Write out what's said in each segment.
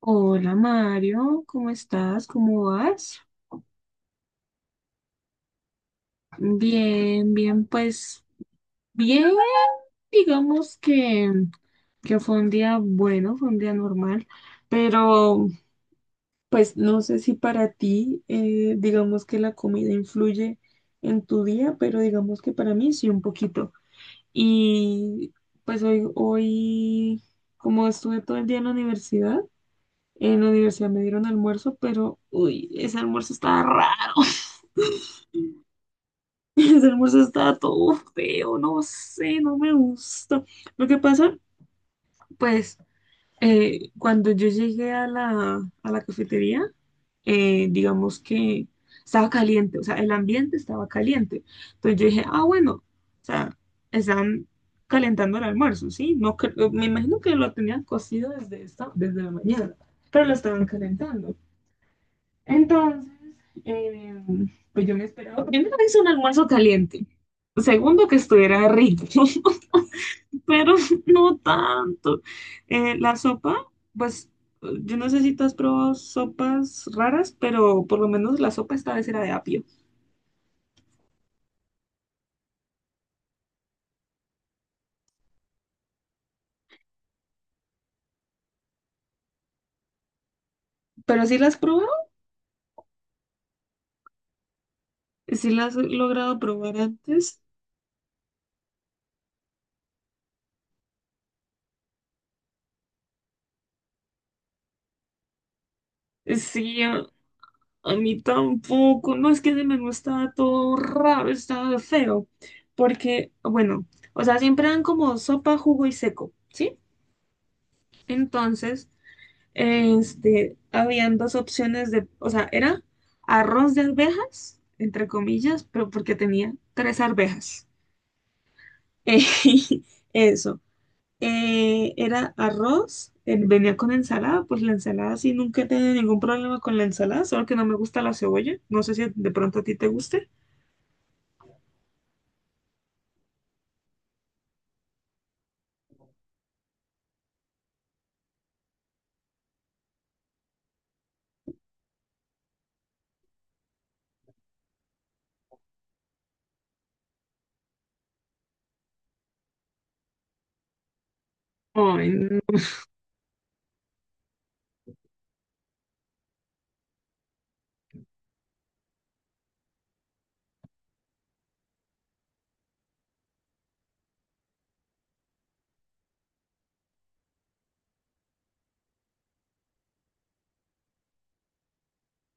Hola Mario, ¿cómo estás? ¿Cómo vas? Bien, bien, pues bien, digamos que fue un día bueno, fue un día normal, pero pues no sé si para ti, digamos que la comida influye en tu día, pero digamos que para mí sí un poquito. Y pues hoy, como estuve todo el día en la universidad me dieron almuerzo, pero uy, ese almuerzo estaba raro. Ese almuerzo estaba todo feo, no sé, no me gusta. Lo que pasa, pues, cuando yo llegué a la cafetería, digamos que estaba caliente, o sea, el ambiente estaba caliente. Entonces yo dije, ah, bueno, o sea, están calentando el almuerzo, ¿sí? No, me imagino que lo tenían cocido desde la mañana, pero lo estaban calentando. Entonces, eh, pues yo me esperaba, primero que es un almuerzo caliente, segundo que estuviera rico, pero no tanto. La sopa, pues yo no sé si tú has probado sopas raras, pero por lo menos la sopa esta vez era de apio. Pero sí las has probado, sí las he logrado probar antes. Sí, a mí tampoco. No, es que ese menú estaba todo raro, estaba feo. Porque, bueno, o sea, siempre dan como sopa, jugo y seco, ¿sí? Entonces, este, habían dos opciones de, o sea, era arroz de arvejas, entre comillas, pero porque tenía tres arvejas. Eso. Era arroz, venía con ensalada, pues la ensalada sí, nunca he tenido ningún problema con la ensalada, solo que no me gusta la cebolla. No sé si de pronto a ti te guste. Ay, no.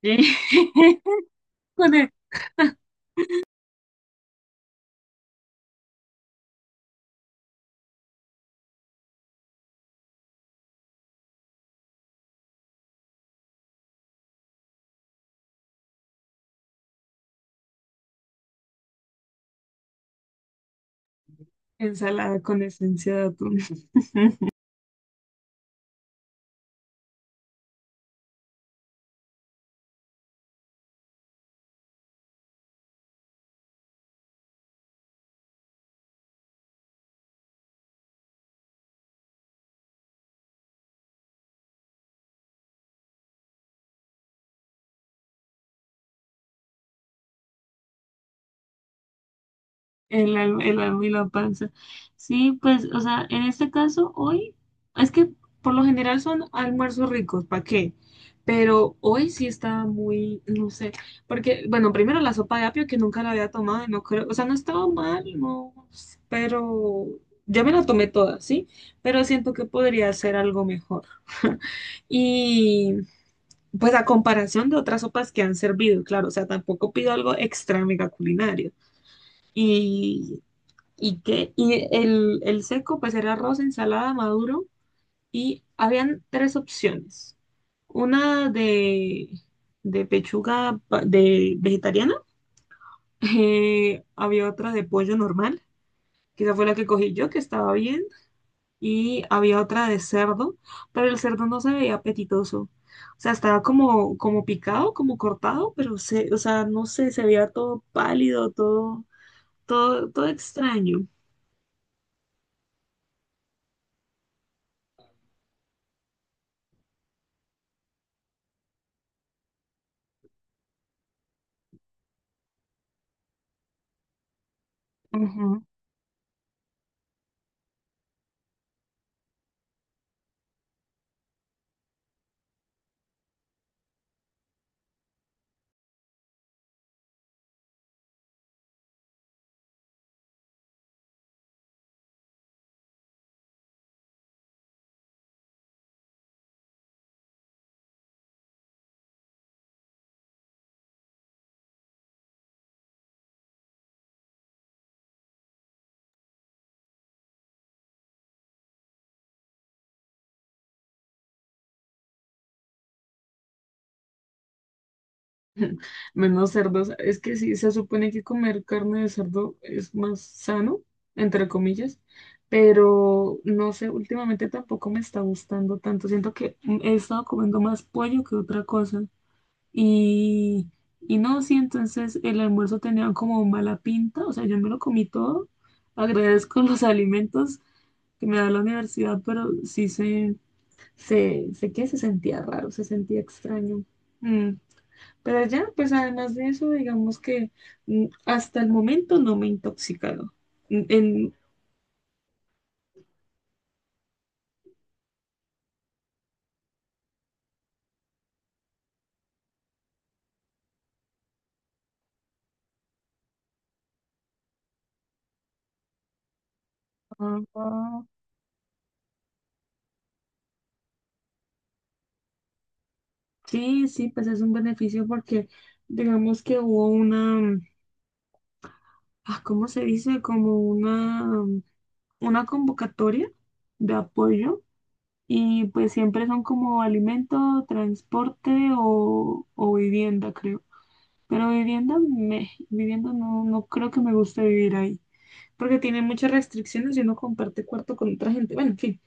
Con e- Ensalada con esencia de atún. El alma y la panza. Sí, pues, o sea, en este caso, hoy, es que por lo general son almuerzos ricos, ¿para qué? Pero hoy sí estaba muy, no sé, porque, bueno, primero la sopa de apio que nunca la había tomado y no creo, o sea, no estaba mal, no, pero ya me la tomé toda, ¿sí? Pero siento que podría ser algo mejor. Y pues a comparación de otras sopas que han servido, claro, o sea, tampoco pido algo extra mega culinario. Y, y que, y el seco, pues era arroz, ensalada, maduro, y habían tres opciones. Una de, de de vegetariana, había otra de pollo normal, que esa fue la que cogí yo, que estaba bien, y había otra de cerdo, pero el cerdo no se veía apetitoso. O sea, estaba como, como picado, como cortado, pero se, o sea, no sé, se veía todo pálido, todo extraño. Ujú. Menos cerdos. Es que sí, se supone que comer carne de cerdo es más sano, entre comillas, pero no sé, últimamente tampoco me está gustando tanto. Siento que he estado comiendo más pollo que otra cosa. Y, y no, sí, entonces el almuerzo tenía como mala pinta, o sea, yo me lo comí todo. Agradezco los alimentos que me da la universidad, pero sé que se sentía raro, se sentía extraño. Mm, Pero ya, pues además de eso, digamos que hasta el momento no me he intoxicado. Mm, En, Ah, sí, sí, pues es un beneficio porque digamos que hubo una, ah, ¿cómo se dice? Como una convocatoria de apoyo y pues siempre son como alimento, transporte o vivienda, creo. Pero vivienda, me, vivienda no, no creo que me guste vivir ahí, porque tiene muchas restricciones y uno comparte cuarto con otra gente. Bueno, en fin,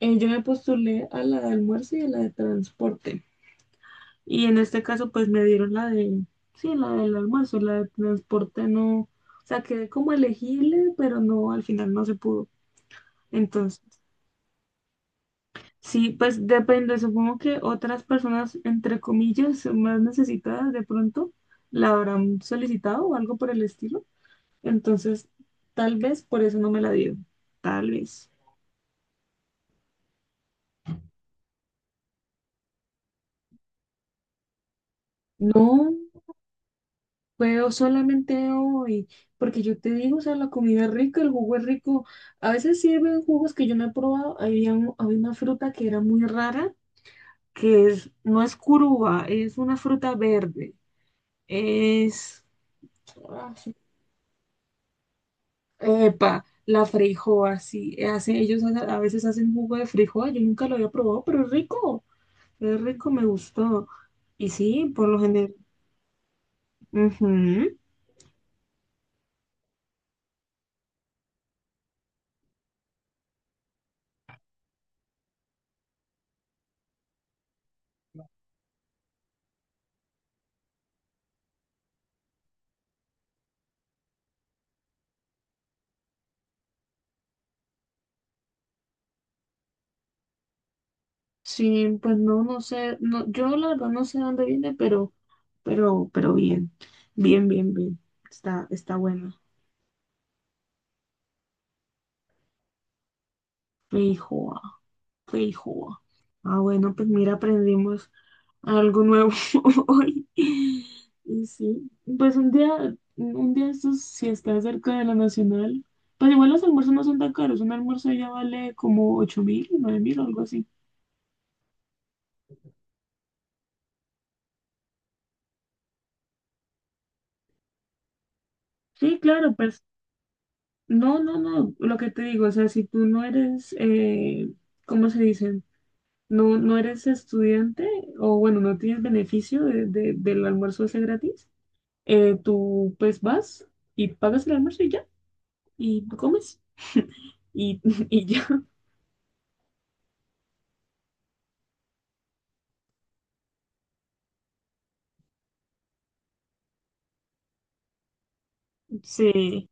yo me postulé a la de almuerzo y a la de transporte. Y en este caso pues me dieron sí, la del almuerzo, la de transporte no, o sea, quedé como elegible, pero no, al final no se pudo. Entonces... sí, pues depende, supongo que otras personas, entre comillas, más necesitadas de pronto, la habrán solicitado o algo por el estilo. Entonces, tal vez por eso no me la dieron, tal vez. No, puedo solamente hoy, porque yo te digo, o sea, la comida es rica, el jugo es rico. A veces sirven jugos que yo no he probado. Había una fruta que era muy rara, que es, no es curuba, es una fruta verde. Es... ah, epa, la freijoa, sí. Eh, ellos a veces hacen jugo de freijoa. Yo nunca lo había probado, pero es rico. Es rico, me gustó. Y sí, por lo general. Ujú. Sí, pues no, no sé. No, yo la verdad no sé dónde viene, pero bien. Bien, bien, bien. Está, está bueno. Feijoa, feijoa. Ah, bueno, pues mira, aprendimos algo nuevo hoy. Y sí, pues un día estos, si está cerca de la Nacional, pues igual los almuerzos no son tan caros, un almuerzo ya vale como 8.000, 9.000 o algo así. Sí, claro, pues no, lo que te digo, o sea, si tú no eres, ¿cómo se dice? No, no eres estudiante o bueno, no tienes beneficio de, del almuerzo ese gratis, tú pues vas y pagas el almuerzo y ya, y tú comes y, y ya. Sí.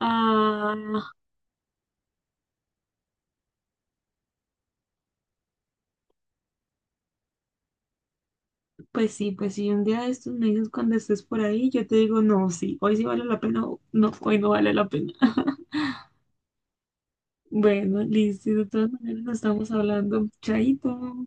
Ah, pues sí, un día de estos me dices cuando estés por ahí, yo te digo, no, sí, hoy sí vale la pena, o no, hoy no vale la pena. Bueno, listo, de todas maneras nos estamos hablando. Chaito.